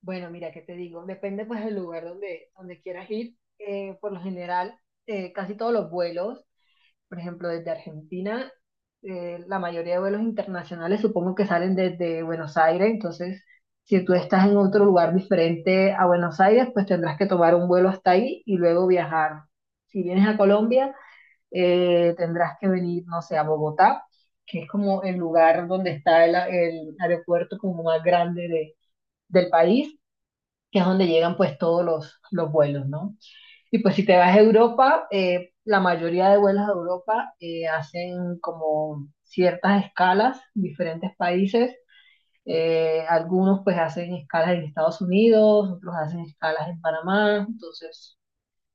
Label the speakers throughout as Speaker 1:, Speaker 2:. Speaker 1: Bueno, mira, ¿qué te digo? Depende pues del lugar donde quieras ir. Por lo general, casi todos los vuelos, por ejemplo, desde Argentina, la mayoría de vuelos internacionales supongo que salen desde Buenos Aires. Entonces, si tú estás en otro lugar diferente a Buenos Aires, pues tendrás que tomar un vuelo hasta ahí y luego viajar. Si vienes a Colombia, tendrás que venir, no sé, a Bogotá, que es como el lugar donde está el aeropuerto como más grande del país que es donde llegan pues todos los vuelos, ¿no? Y pues si te vas a Europa, la mayoría de vuelos a Europa hacen como ciertas escalas, diferentes países. Algunos pues hacen escalas en Estados Unidos, otros hacen escalas en Panamá, entonces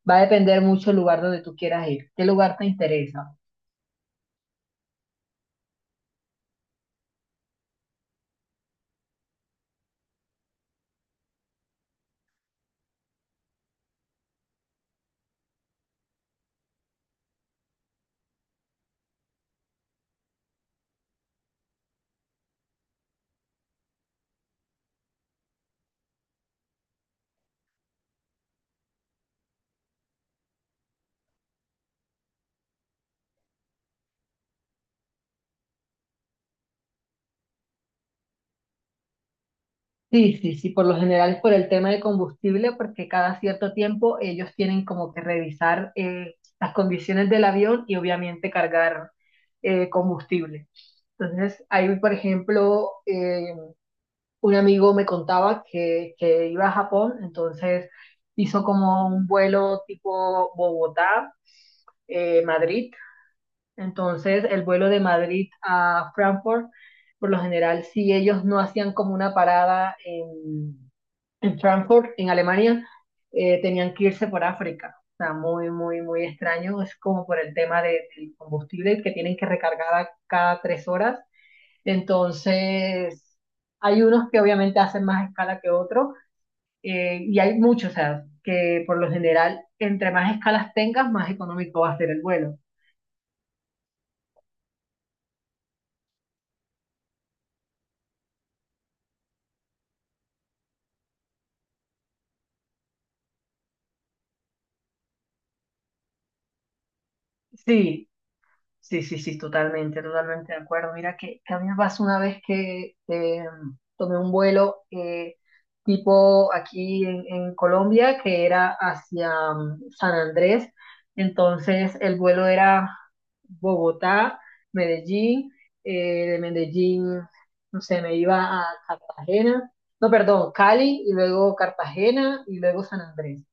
Speaker 1: va a depender mucho el lugar donde tú quieras ir, qué lugar te interesa. Sí, sí, sí, por lo general es por el tema de combustible, porque cada cierto tiempo ellos tienen como que revisar las condiciones del avión y obviamente cargar combustible. Entonces, ahí, por ejemplo, un amigo me contaba que iba a Japón, entonces hizo como un vuelo tipo Bogotá, Madrid. Entonces, el vuelo de Madrid a Frankfurt, por lo general, si ellos no hacían como una parada en Frankfurt, en Alemania, tenían que irse por África. O sea, muy, muy, muy extraño. Es como por el tema del combustible que tienen que recargar a cada 3 horas. Entonces, hay unos que obviamente hacen más escala que otros y hay muchos, o sea, que por lo general, entre más escalas tengas, más económico va a ser el vuelo. Sí, sí, sí, sí, totalmente, totalmente de acuerdo. Mira que a mí me pasó una vez que tomé un vuelo tipo aquí en Colombia, que era hacia San Andrés. Entonces el vuelo era Bogotá, Medellín, de Medellín, no sé, me iba a Cartagena, no, perdón, Cali y luego Cartagena y luego San Andrés.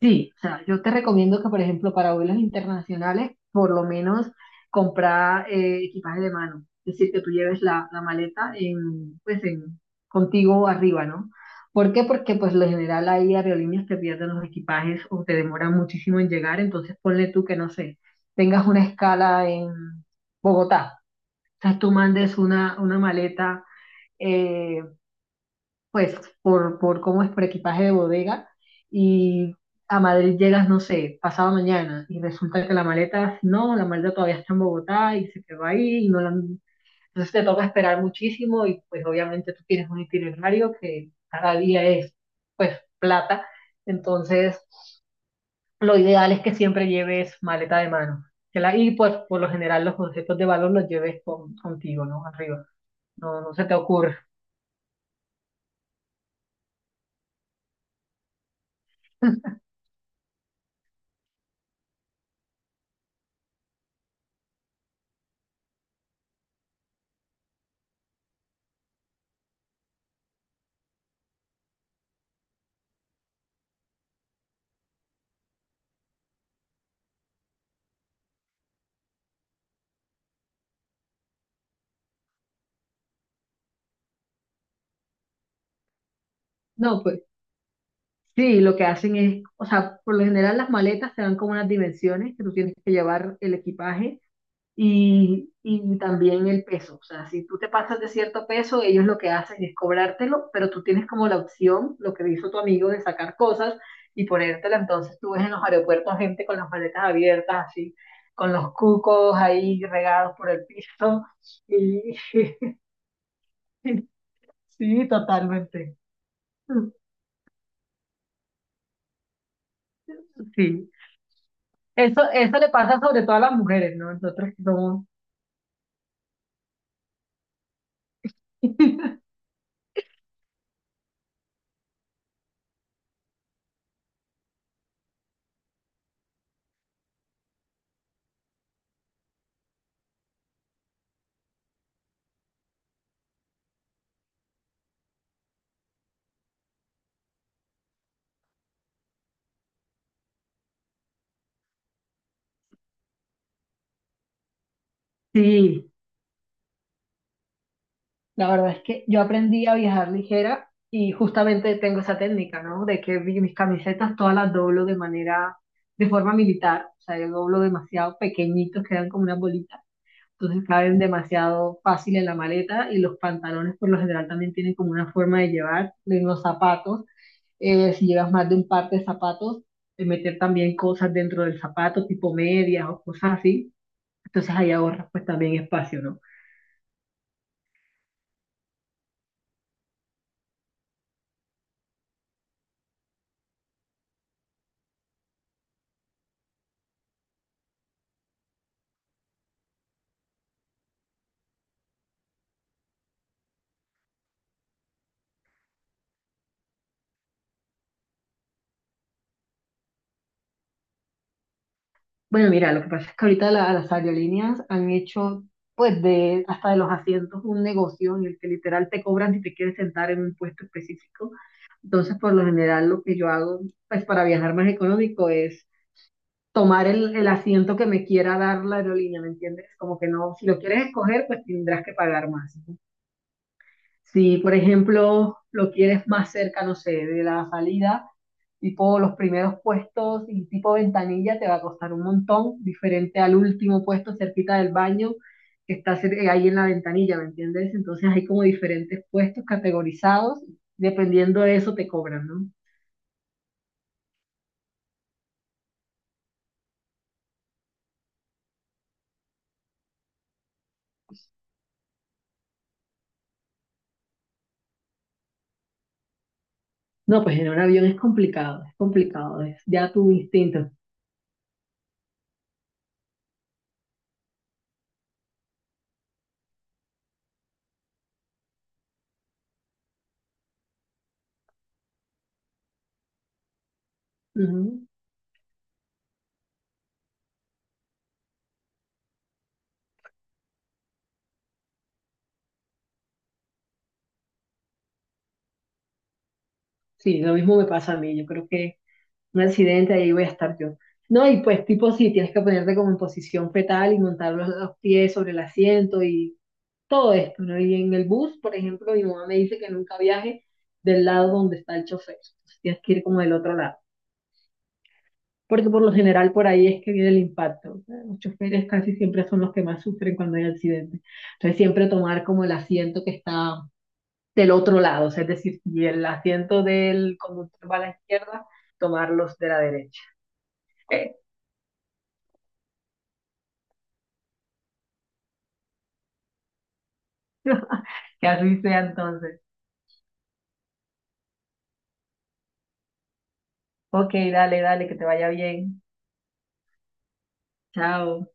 Speaker 1: Sí, o sea, yo te recomiendo que, por ejemplo, para vuelos internacionales, por lo menos comprar equipaje de mano. Es decir, que tú lleves la maleta en, pues, en, contigo arriba, ¿no? ¿Por qué? Porque, pues, lo general hay aerolíneas que pierden los equipajes o te demoran muchísimo en llegar. Entonces, ponle tú que, no sé, tengas una escala en Bogotá. O sea, tú mandes una maleta eh, pues por cómo es por equipaje de bodega y a Madrid llegas, no sé, pasado mañana y resulta que la maleta, no, la maleta todavía está en Bogotá y se quedó ahí y no la han- Entonces te toca esperar muchísimo y pues obviamente tú tienes un itinerario que cada día es pues plata, entonces lo ideal es que siempre lleves maleta de mano. Que la, y pues por lo general los objetos de valor los lleves contigo, ¿no? Arriba. No, no se te ocurre. No, pues, sí, lo que hacen es, o sea, por lo general las maletas te dan como unas dimensiones que tú tienes que llevar el equipaje y también el peso. O sea, si tú te pasas de cierto peso, ellos lo que hacen es cobrártelo, pero tú tienes como la opción, lo que hizo tu amigo, de sacar cosas y ponértela. Entonces tú ves en los aeropuertos gente con las maletas abiertas, así, con los cucos ahí regados por el piso. Y sí, totalmente. Sí. Eso le pasa sobre todo a las mujeres, ¿no? Nosotros que somos. Sí, la verdad es que yo aprendí a viajar ligera y justamente tengo esa técnica, ¿no? De que mis camisetas todas las doblo de manera, de forma militar, o sea, yo doblo demasiado pequeñitos, quedan como una bolita, entonces caben demasiado fácil en la maleta y los pantalones por lo general también tienen como una forma de llevar, de los zapatos, si llevas más de un par de zapatos, de meter también cosas dentro del zapato, tipo medias o cosas así. Entonces ahí ahorras pues también espacio, ¿no? Bueno, mira, lo que pasa es que ahorita las aerolíneas han hecho pues de hasta de los asientos un negocio en el que literal te cobran si te quieres sentar en un puesto específico. Entonces, por lo general, lo que yo hago pues para viajar más económico es tomar el asiento que me quiera dar la aerolínea, ¿me entiendes? Como que no, si lo quieres escoger, pues tendrás que pagar más. Si, por ejemplo, lo quieres más cerca, no sé, de la salida, tipo los primeros puestos y tipo ventanilla te va a costar un montón, diferente al último puesto cerquita del baño que está ahí en la ventanilla, ¿me entiendes? Entonces hay como diferentes puestos categorizados, dependiendo de eso te cobran, ¿no? No, pues en un avión es complicado, es complicado, es ya tu instinto. Ujú. Sí, lo mismo me pasa a mí, yo creo que un accidente, ahí voy a estar yo. No, y pues tipo sí, tienes que ponerte como en posición fetal y montar los pies sobre el asiento y todo esto, ¿no? Y en el bus, por ejemplo, mi mamá me dice que nunca viaje del lado donde está el chofer, entonces tienes que ir como del otro lado, porque por lo general por ahí es que viene el impacto, o sea, los choferes casi siempre son los que más sufren cuando hay accidente, entonces siempre tomar como el asiento que está del otro lado, o sea, es decir, si el asiento del conductor va a la izquierda, tomarlos de la derecha. E- Que así sea entonces. Ok, dale, dale, que te vaya bien. Chao.